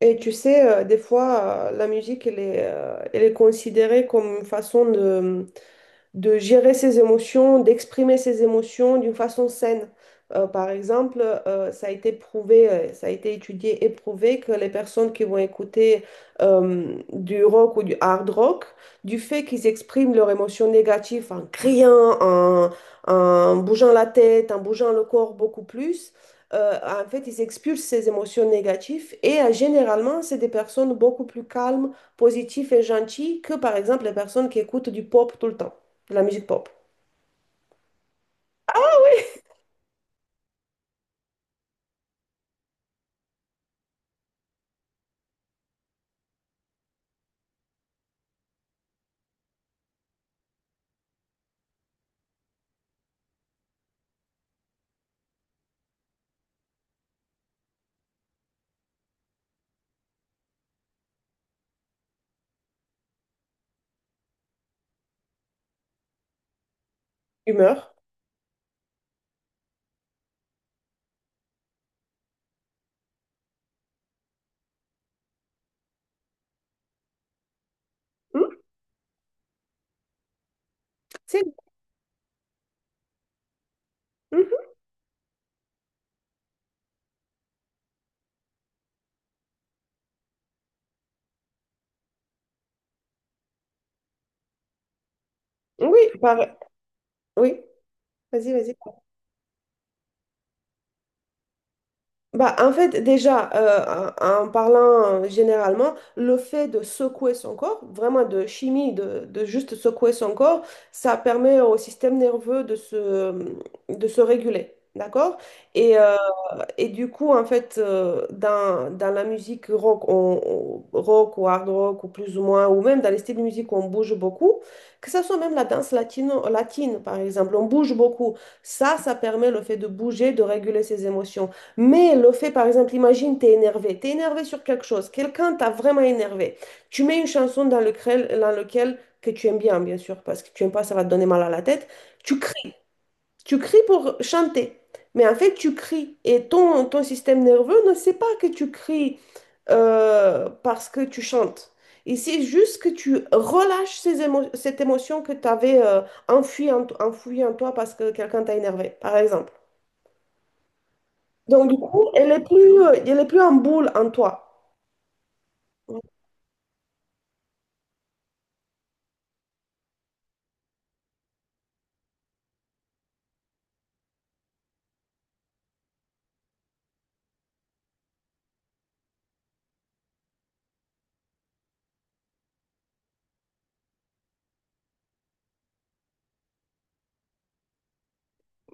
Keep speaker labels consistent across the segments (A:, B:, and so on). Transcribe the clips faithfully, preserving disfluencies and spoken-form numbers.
A: Et tu sais, euh, des fois, euh, la musique, elle est, euh, elle est considérée comme une façon de, de gérer ses émotions, d'exprimer ses émotions d'une façon saine. Euh, par exemple, euh, ça a été prouvé, euh, ça a été étudié et prouvé que les personnes qui vont écouter euh, du rock ou du hard rock, du fait qu'ils expriment leurs émotions négatives en criant, en, en bougeant la tête, en bougeant le corps beaucoup plus, euh, en fait, ils expulsent ces émotions négatives et euh, généralement, c'est des personnes beaucoup plus calmes, positives et gentilles que, par exemple, les personnes qui écoutent du pop tout le temps de La musique pop. Ah oui. Humeur. Hmm, c'est- Mhm. Oui, par- oui. Vas-y, vas-y. Bah, en fait, déjà, euh, en en parlant euh, généralement, le fait de secouer son corps, vraiment de chimie, de, de juste secouer son corps, ça permet au système nerveux de se, de se réguler, d'accord? Et euh, et du coup, en fait, euh, dans, dans la musique rock, on- on- rock ou hard rock, ou plus ou moins, ou même dans les styles de musique où on bouge beaucoup, que ce soit même la danse latino, latine, par exemple, on bouge beaucoup. Ça, ça permet le fait de bouger, de réguler ses émotions. Mais le fait, par exemple, imagine, t'es énervé, t'es énervé sur quelque chose, quelqu'un t'a vraiment énervé. Tu mets une chanson dans lequel, dans lequel que tu aimes bien, bien sûr, parce que tu aimes pas, ça va te donner mal à la tête. Tu tu cries pour chanter, mais en fait tu cries et ton, ton système nerveux ne sait pas que tu cries euh, parce que tu chantes. Il sait juste que tu relâches ces émo- cette émotion que tu avais euh, enfouie en, enfouie en toi parce que quelqu'un t'a énervé, par exemple. Donc du coup, elle est plus, euh, elle est plus en boule en toi.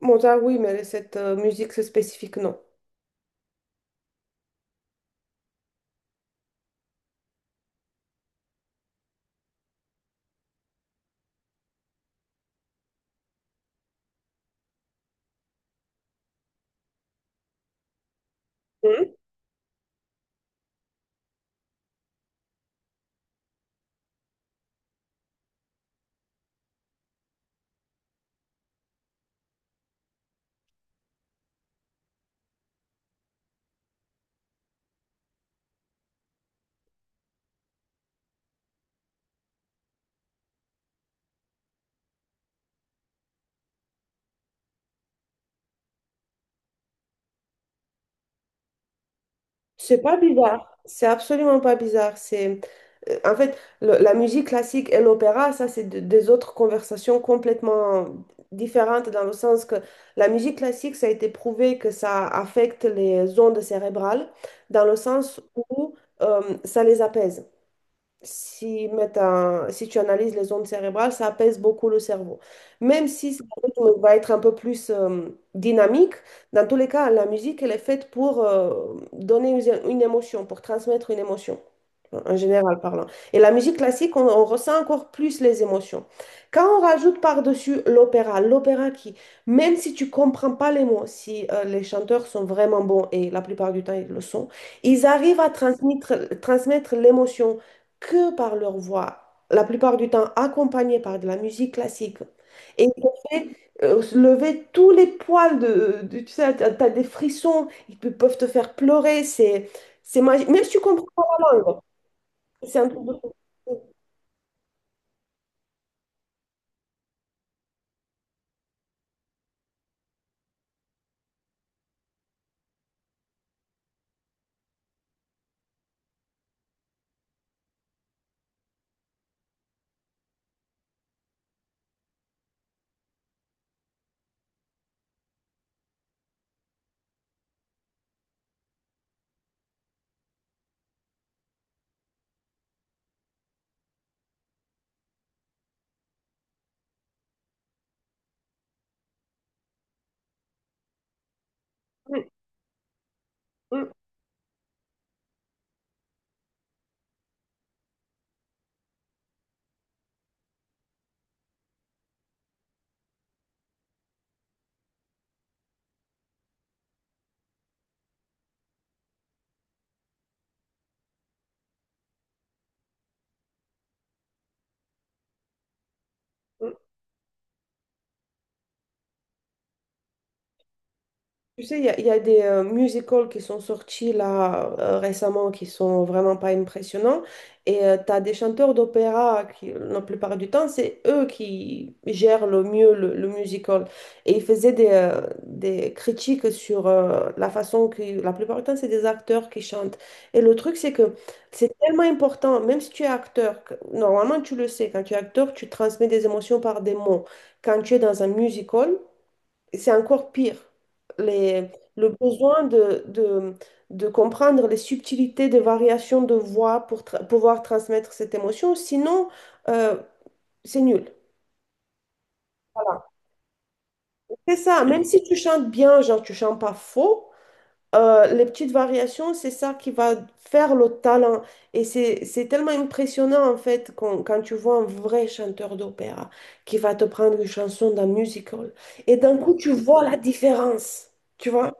A: Mozart, oui, mais cette euh, musique c'est spécifique, non. Hmm. C'est pas bizarre. C'est absolument pas bizarre. C'est, euh, en fait, le- la musique classique et l'opéra, ça, c'est de- des autres conversations complètement différentes dans le sens que la musique classique, ça a été prouvé que ça affecte les ondes cérébrales dans le sens où euh, ça les apaise. Si, mettent un- si tu analyses les ondes cérébrales, ça apaise beaucoup le cerveau. Même si ce rythme va être un peu plus euh, dynamique, dans tous les cas, la musique, elle est faite pour euh, donner une, une émotion, pour transmettre une émotion en général parlant. Et la musique classique, on, on ressent encore plus les émotions. Quand on rajoute par-dessus l'opéra, l'opéra qui, même si tu comprends pas les mots, si euh, les chanteurs sont vraiment bons, et la plupart du temps ils le sont, ils arrivent à transmettre, transmettre l'émotion que par leur voix, la plupart du temps accompagnée par de la musique classique. Et ils te fait euh, se lever tous les poils de, de- tu sais, t'as, t'as des frissons, ils pe- peuvent te faire pleurer, c'est, c'est magique. Même si tu comprends pas la langue. C'est un peu beaucoup. Mm, mm. Mm. Tu sais, il y a, il y a des euh, musicals qui sont sortis là euh, récemment qui sont vraiment pas impressionnants. Et tu as des chanteurs d'opéra qui, la plupart du temps, c'est eux qui gèrent le mieux le, le musical. Et ils faisaient des, euh, des critiques sur euh, la façon que, la plupart du temps, c'est des acteurs qui chantent. Et le truc, c'est que c'est tellement important, même si tu es acteur, que- normalement, tu le sais, quand tu es acteur, tu transmets des émotions par des mots. Quand tu es dans un musical, c'est encore pire. Les- le besoin de, de, de comprendre les subtilités des variations de voix pour tra- pouvoir transmettre cette émotion, sinon, euh, c'est nul. Voilà. C'est ça, même si tu chantes bien, genre tu chantes pas faux, euh, les petites variations, c'est ça qui va faire le talent. Et c'est, c'est tellement impressionnant en fait quand, quand tu vois un vrai chanteur d'opéra qui va te prendre une chanson d'un musical et d'un coup tu vois la différence, tu vois?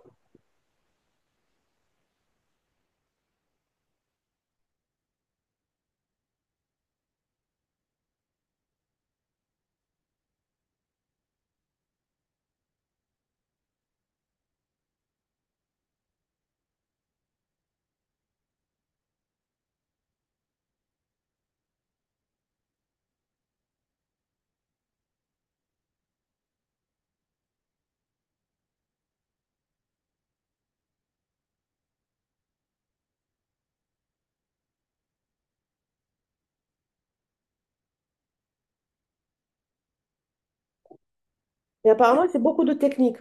A: Et apparemment, c'est beaucoup de techniques.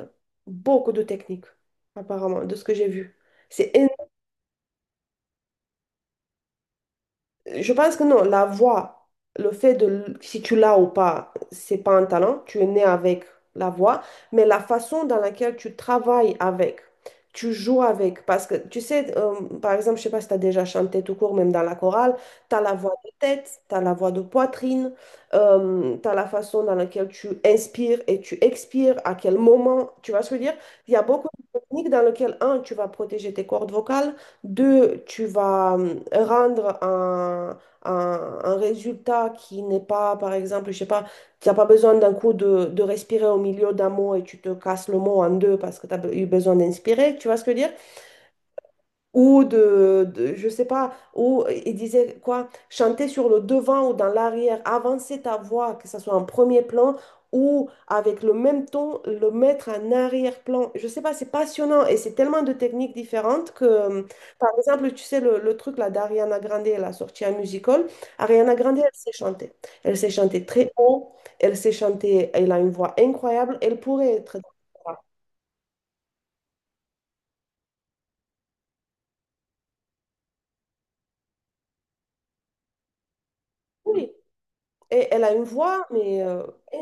A: Beaucoup de techniques, apparemment, de ce que j'ai vu. C'est Je pense que non, la voix, le fait de, l- si tu l'as ou pas, c'est pas un talent, tu es né avec la voix, mais la façon dans laquelle tu travailles avec, tu joues avec, parce que tu sais, euh, par exemple, je sais pas si tu as déjà chanté tout court, même dans la chorale, tu as la voix de tête, tu as la voix de poitrine, euh, tu as la façon dans laquelle tu inspires et tu expires, à quel moment, tu vas se dire, il y a beaucoup de techniques dans lesquelles, un, tu vas protéger tes cordes vocales, deux, tu vas euh, rendre un, un- un résultat qui n'est pas, par exemple, je sais pas, tu n'as pas besoin d'un coup de, de respirer au milieu d'un mot et tu te casses le mot en deux parce que tu as eu besoin d'inspirer. Tu vois ce que je veux dire? Ou de, de- je sais pas, ou il disait quoi, chanter sur le devant ou dans l'arrière, avancer ta voix, que ça soit en premier plan ou avec le même ton, le mettre en arrière-plan. Je sais pas, c'est passionnant et c'est tellement de techniques différentes que, euh, par exemple, tu sais, le, le truc là d'Ariana Grande, elle a sorti un musical. Ariana Grande, elle sait chanter. Elle sait chanter très haut, elle sait chanter, elle a une voix incroyable, elle pourrait être... Oui. Et elle a une voix, mais euh, et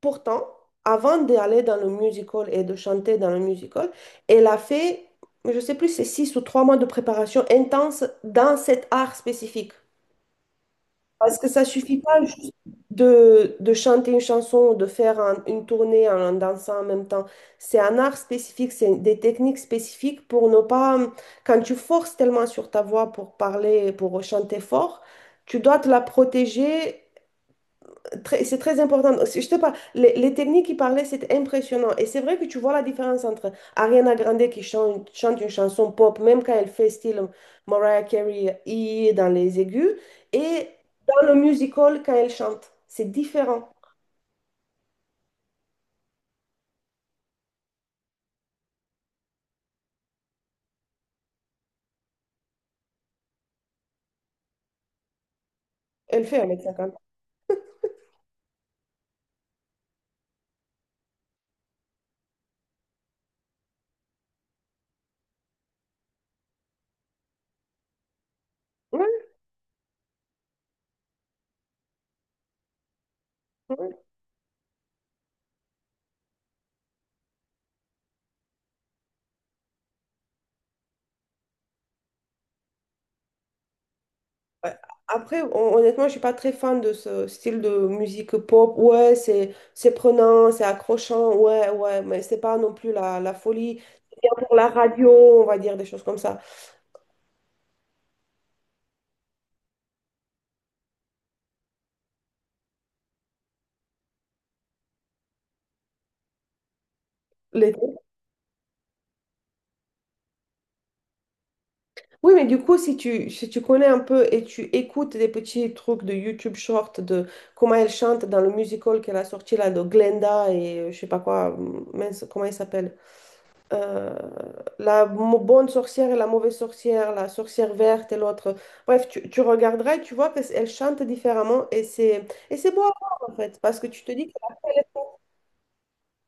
A: pourtant, avant d'aller dans le musical et de chanter dans le musical, elle a fait, je ne sais plus, c'est six ou trois mois de préparation intense dans cet art spécifique. Parce que ça suffit pas juste de, de chanter une chanson ou de faire un- une tournée en, en dansant en même temps. C'est un art spécifique, c'est des techniques spécifiques pour ne pas... Quand tu forces tellement sur ta voix pour parler, pour chanter fort, tu dois te la protéger Très- c'est très important. Je te parle, les, les techniques qu'il parlait, c'était impressionnant. Et c'est vrai que tu vois la différence entre Ariana Grande qui chante, chante une chanson pop, même quand elle fait style Mariah Carey I dans les aigus, et dans le musical quand elle chante. C'est différent. Elle fait un mètre cinquante. Ouais, ouais. Ouais. Euh, Après, hon- honnêtement, je suis pas très fan de ce style de musique pop. Ouais, c'est c'est prenant, c'est accrochant. Ouais, ouais, mais c'est pas non plus la, la folie. C'est bien pour la radio, on va dire des choses comme ça. L'été. Oui, mais du coup, si tu, si tu connais un peu et tu écoutes des petits trucs de YouTube short de comment elle chante dans le musical qu'elle a sorti là de Glenda et euh, je sais pas quoi, hum, mince, comment il s'appelle? Euh, la mo- bonne sorcière et la mauvaise sorcière, la sorcière verte et l'autre. Bref, tu, tu regarderas et tu vois qu'elle chante différemment et c'est et c'est beau à voir en fait parce que tu te dis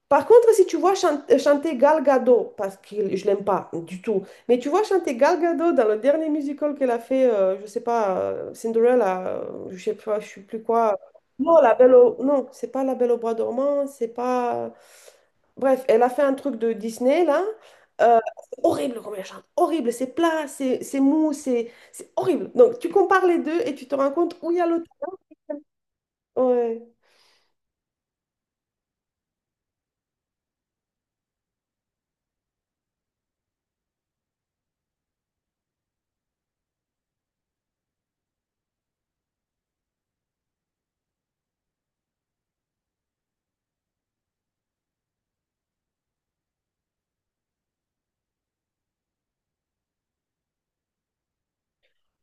A: Par contre, si tu vois chan- euh, chanter Gal Gadot, parce que je l'aime pas du tout, mais tu vois chanter Gal Gadot dans le dernier musical qu'elle a fait, euh, je sais pas, euh, Cinderella, euh, je sais pas, je sais plus quoi. Non, la Belle au... non, c'est pas la Belle au bois dormant, c'est pas. Bref, elle a fait un truc de Disney là. Euh, c'est horrible comme elle chante, horrible, c'est plat, c'est c'est mou, c'est c'est horrible. Donc tu compares les deux et tu te rends compte où il y a l'autre. Ouais.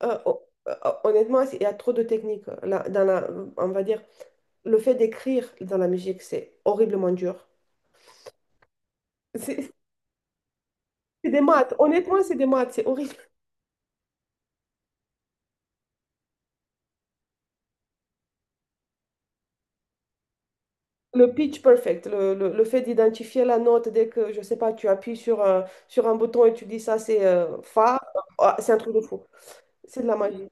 A: Euh, oh, euh, oh, honnêtement, c'est- il y a trop de techniques euh, là, dans la, on va dire. Le fait d'écrire dans la musique, c'est horriblement dur. C'est c'est des maths. Honnêtement, c'est des maths. C'est horrible. Le pitch perfect, le, le- le fait d'identifier la note dès que, je sais pas, tu appuies sur un, sur un bouton et tu dis ça, c'est euh, fa, ah, c'est un truc de fou. C'est de la magie.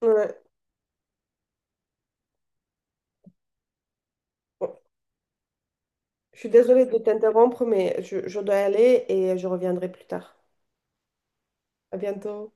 A: Ouais. Bon, je suis désolée de t'interrompre, mais je, je dois y aller et je reviendrai plus tard. À bientôt.